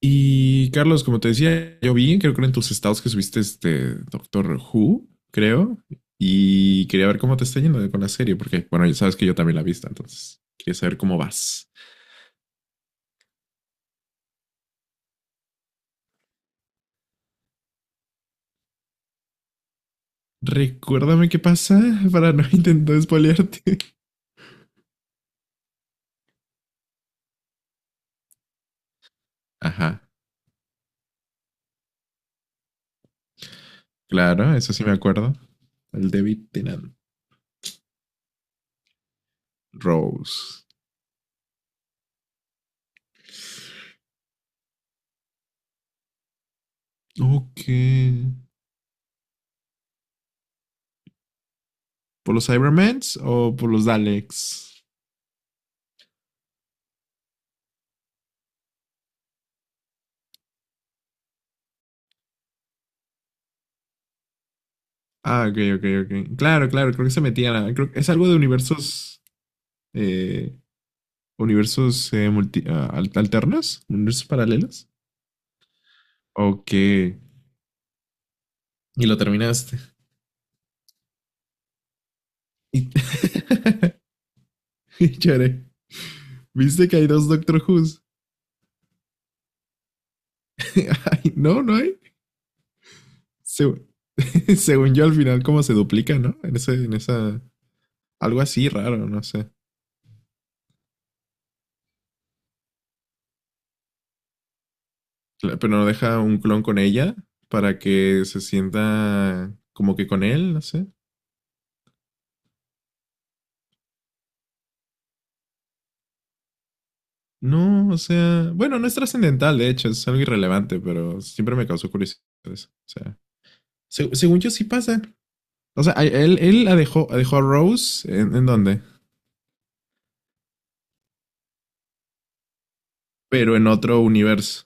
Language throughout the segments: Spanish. Y Carlos, como te decía, yo vi, creo que en tus estados que subiste este Doctor Who, creo, y quería ver cómo te está yendo de con la serie, porque, bueno, ya sabes que yo también la he visto, entonces quería saber cómo vas. Recuérdame qué pasa para no intentar spoilearte. Ajá, claro, eso sí me acuerdo. El David Tennant. Rose. Ok. ¿Por los Cybermans o por los Daleks? Ah, ok, ok, ok. Claro, claro, creo que se metían a... Creo que es algo de eh, universos alternos, universos paralelos. Ok. Y lo terminaste. Y, y lloré. ¿Viste que hay dos Doctor Who's? Ay, no, no hay. Se- Según yo, al final, como se duplica, ¿no? En ese, en esa. Algo así raro, no sé. Pero no deja un clon con ella para que se sienta como que con él, no sé. No, o sea. Bueno, no es trascendental, de hecho, es algo irrelevante, pero siempre me causó curiosidad eso. O sea. Según yo sí pasa. O sea, él la dejó a Rose, ¿en dónde? Pero en otro universo.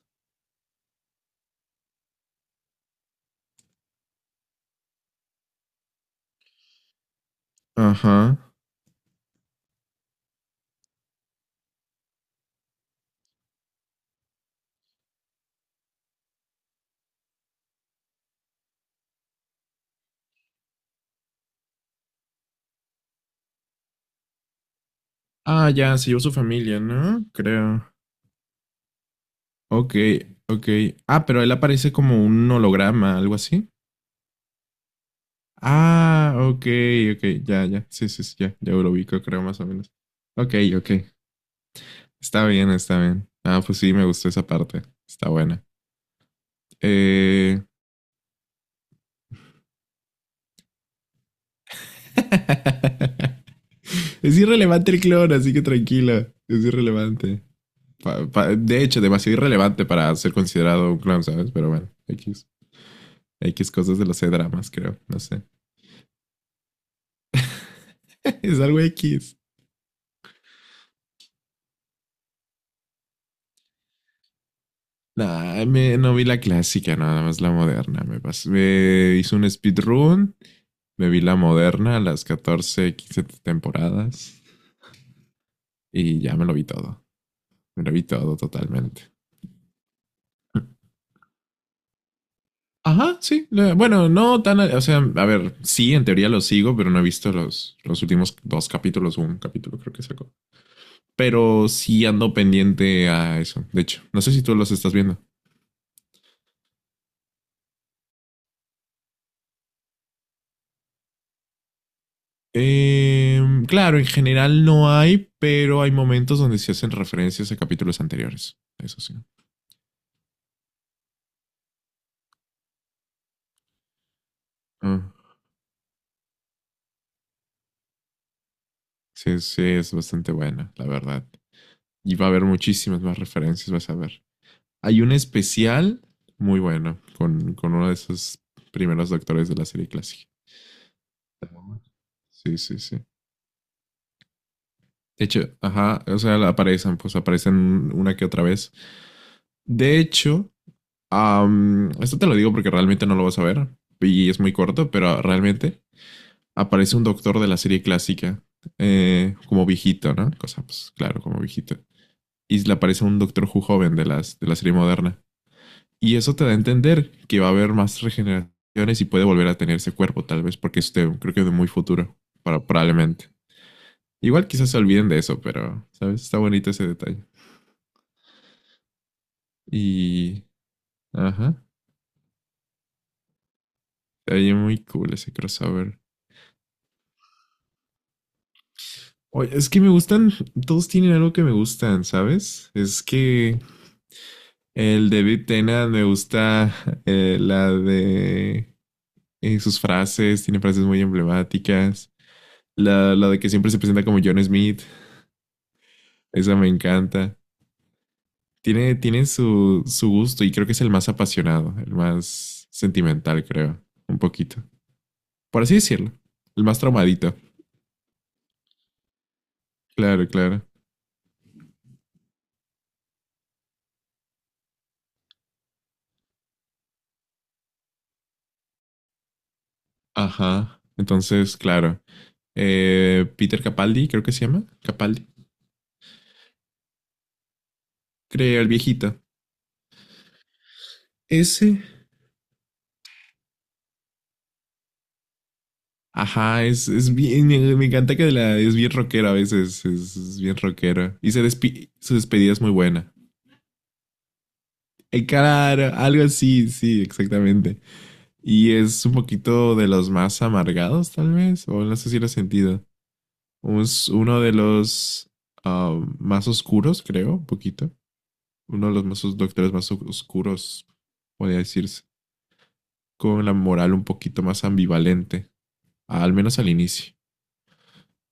Ajá. Ah, ya, se llevó su familia, ¿no? Creo. Ok, ok. Ah, pero él aparece como un holograma, algo así. Ah, ok, ok, ya, ya. Sí, sí, sí, ya, ya lo ubico, creo, más o menos. Ok, ok. Está bien, está bien. Ah, pues sí, me gustó esa parte. Está buena. Eh... es irrelevante el clon, así que tranquila. Es irrelevante. De hecho, demasiado irrelevante para ser considerado un clown, ¿sabes? Pero bueno, X. X cosas de los C-dramas, creo. No sé. Es algo X. Nah, no vi la clásica, nada más la moderna. Me hice un speedrun, me vi la moderna, las 14 15 temporadas y ya me lo vi todo. Me lo vi todo totalmente. Ajá, sí. Bueno, no tan. O sea, a ver, sí, en teoría lo sigo, pero no he visto los últimos dos capítulos o un capítulo, creo que sacó. Pero sí ando pendiente a eso. De hecho, no sé si tú los estás viendo. Eh, claro, en general no hay, pero hay momentos donde se hacen referencias a capítulos anteriores. Eso sí. Ah, sí, sí, es bastante buena, la verdad. Y va a haber muchísimas más referencias, vas a ver. Hay un especial muy bueno con uno de esos primeros doctores de la serie clásica. Sí, sí, sí. De hecho, ajá, o sea, pues aparecen una que otra vez. De hecho, esto te lo digo porque realmente no lo vas a ver y es muy corto, pero realmente aparece un doctor de la serie clásica, como viejito, ¿no? Cosa, pues claro, como viejito. Y le aparece un doctor Who joven de la serie moderna. Y eso te da a entender que va a haber más regeneraciones y puede volver a tener ese cuerpo, tal vez, porque creo que de muy futuro, para, probablemente. Igual quizás se olviden de eso, pero, ¿sabes? Está bonito ese detalle. Y. Ajá. Está muy cool ese crossover. Oye, es que me gustan, todos tienen algo que me gustan, ¿sabes? Es que el David Tennant me gusta la de sus frases, tiene frases muy emblemáticas. La de que siempre se presenta como John Smith, esa me encanta. Tiene su gusto y creo que es el más apasionado, el más sentimental, creo, un poquito. Por así decirlo, el más traumadito. Claro, claro. Ajá. Entonces, claro. Peter Capaldi, creo que se llama. Capaldi. Creo, el viejito. Ese. Ajá, es bien, me encanta es bien rockero a veces, es bien rockero. Y su despedida es muy buena. El cara, algo así, sí, exactamente. Y es un poquito de los más amargados, tal vez, o no sé si lo he sentido. Es uno de los más oscuros, creo, un poquito. Uno de los más os- Doctores más oscuros, podría decirse. Con la moral un poquito más ambivalente, al menos al inicio.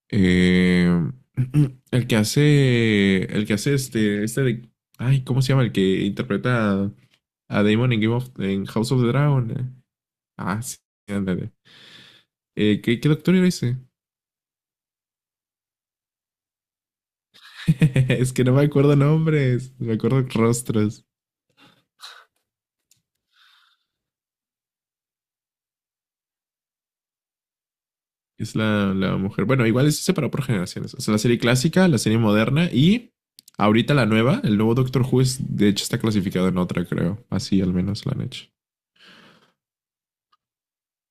Eh, el que hace. El que hace este. Este de. Ay, ¿cómo se llama? El que interpreta a Damon en, en House of the Dragon. Ah, sí, ándale. ¿Qué doctor era ese? Es que no me acuerdo nombres, me acuerdo rostros. Es la mujer. Bueno, igual eso se separó por generaciones. O sea, la serie clásica, la serie moderna y ahorita la nueva, el nuevo Doctor Who, es, de hecho está clasificado en otra, creo. Así al menos la han hecho.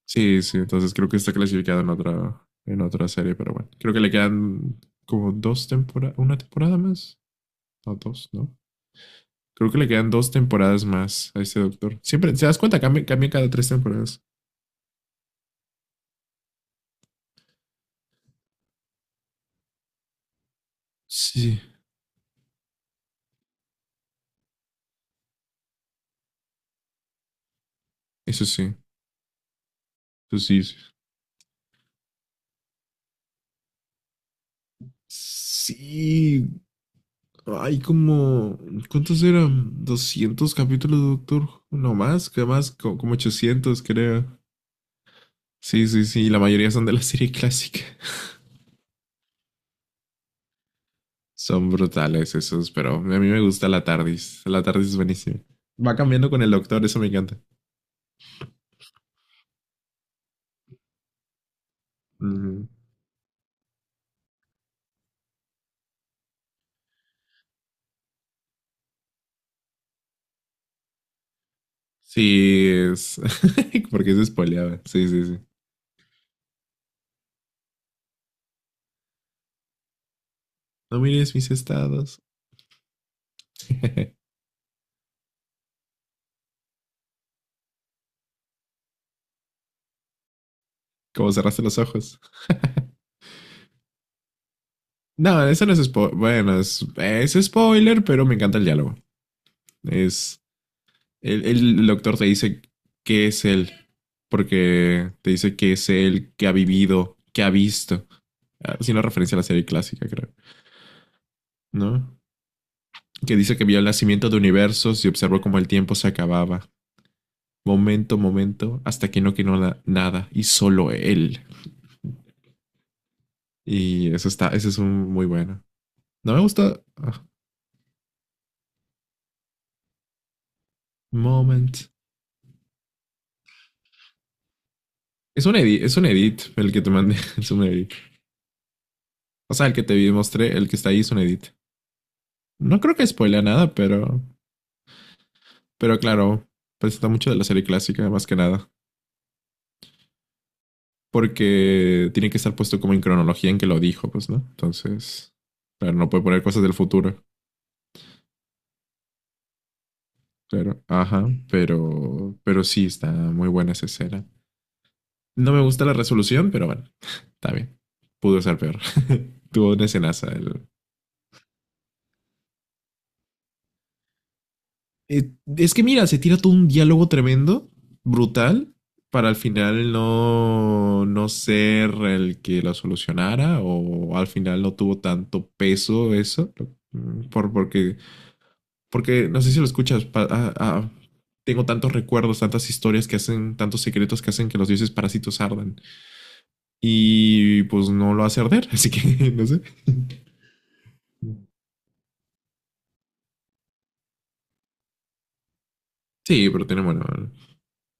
Sí, sí, entonces creo que está clasificado en otra serie, pero bueno, creo que le quedan como dos temporadas, una temporada más, no dos, ¿no? Creo que le quedan dos temporadas más a este doctor. Siempre, ¿te das cuenta? Cambia, cambia cada tres temporadas. Sí. Eso sí, eso sí. Sí, sí, hay como, ¿cuántos eran? 200 capítulos, de doctor. No más, que más, como 800, creo. Sí, sí, sí, y la mayoría son de la serie clásica. Son brutales esos, pero a mí me gusta la TARDIS. La TARDIS es buenísima. Va cambiando con el doctor, eso me encanta. Ujú. Sí, es. Porque se spoileaba. Sí, sí, sí. No mires mis estados. Como cerraste los ojos. No, eso no es spoiler. Bueno, es spoiler, pero me encanta el diálogo. Es. El doctor te dice qué es él. Porque te dice que es él que ha vivido, que ha visto. Ah, haciendo referencia a la serie clásica, creo. ¿No? Que dice que vio el nacimiento de universos y observó cómo el tiempo se acababa, momento, momento, hasta que no quedó nada y solo él. Y eso está, ese es un muy bueno. No me gusta. Moment. Es un edit el que te mandé, es un edit. O sea, el que te mostré, el que está ahí es un edit. No creo que spoilea nada, pero, claro, presenta mucho de la serie clásica, más que nada. Porque tiene que estar puesto como en cronología en que lo dijo, pues, ¿no? Entonces, claro, no puede poner cosas del futuro. Claro, ajá, pero, sí está muy buena esa escena. No me gusta la resolución, pero bueno, está bien. Pudo ser peor. Tuvo una escenaza. Eh, es que mira, se tira todo un diálogo tremendo, brutal, para al final no ser el que lo solucionara o al final no tuvo tanto peso eso. Mm, Por, porque, Porque no sé si lo escuchas. Tengo tantos recuerdos, tantas historias que hacen, tantos secretos que hacen que los dioses parásitos ardan. Y pues no lo hace arder, así que no sé. Sí, pero tiene bueno,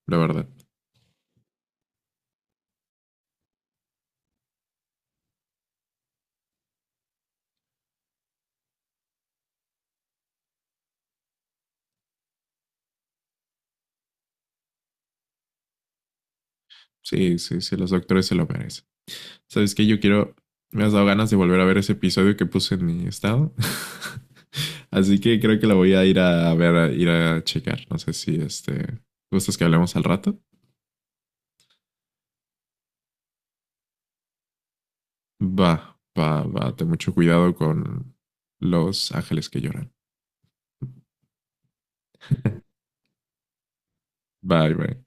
la verdad. Sí, sí, sí, los doctores se lo merecen. ¿Sabes qué? Yo quiero. Me has dado ganas de volver a ver ese episodio que puse en mi estado. Así que creo que la voy a ir a ver, a ir a checar. No sé si este. ¿Gustas que hablemos al rato? Va, va, va. Ten mucho cuidado con los ángeles que lloran. Bye, bye.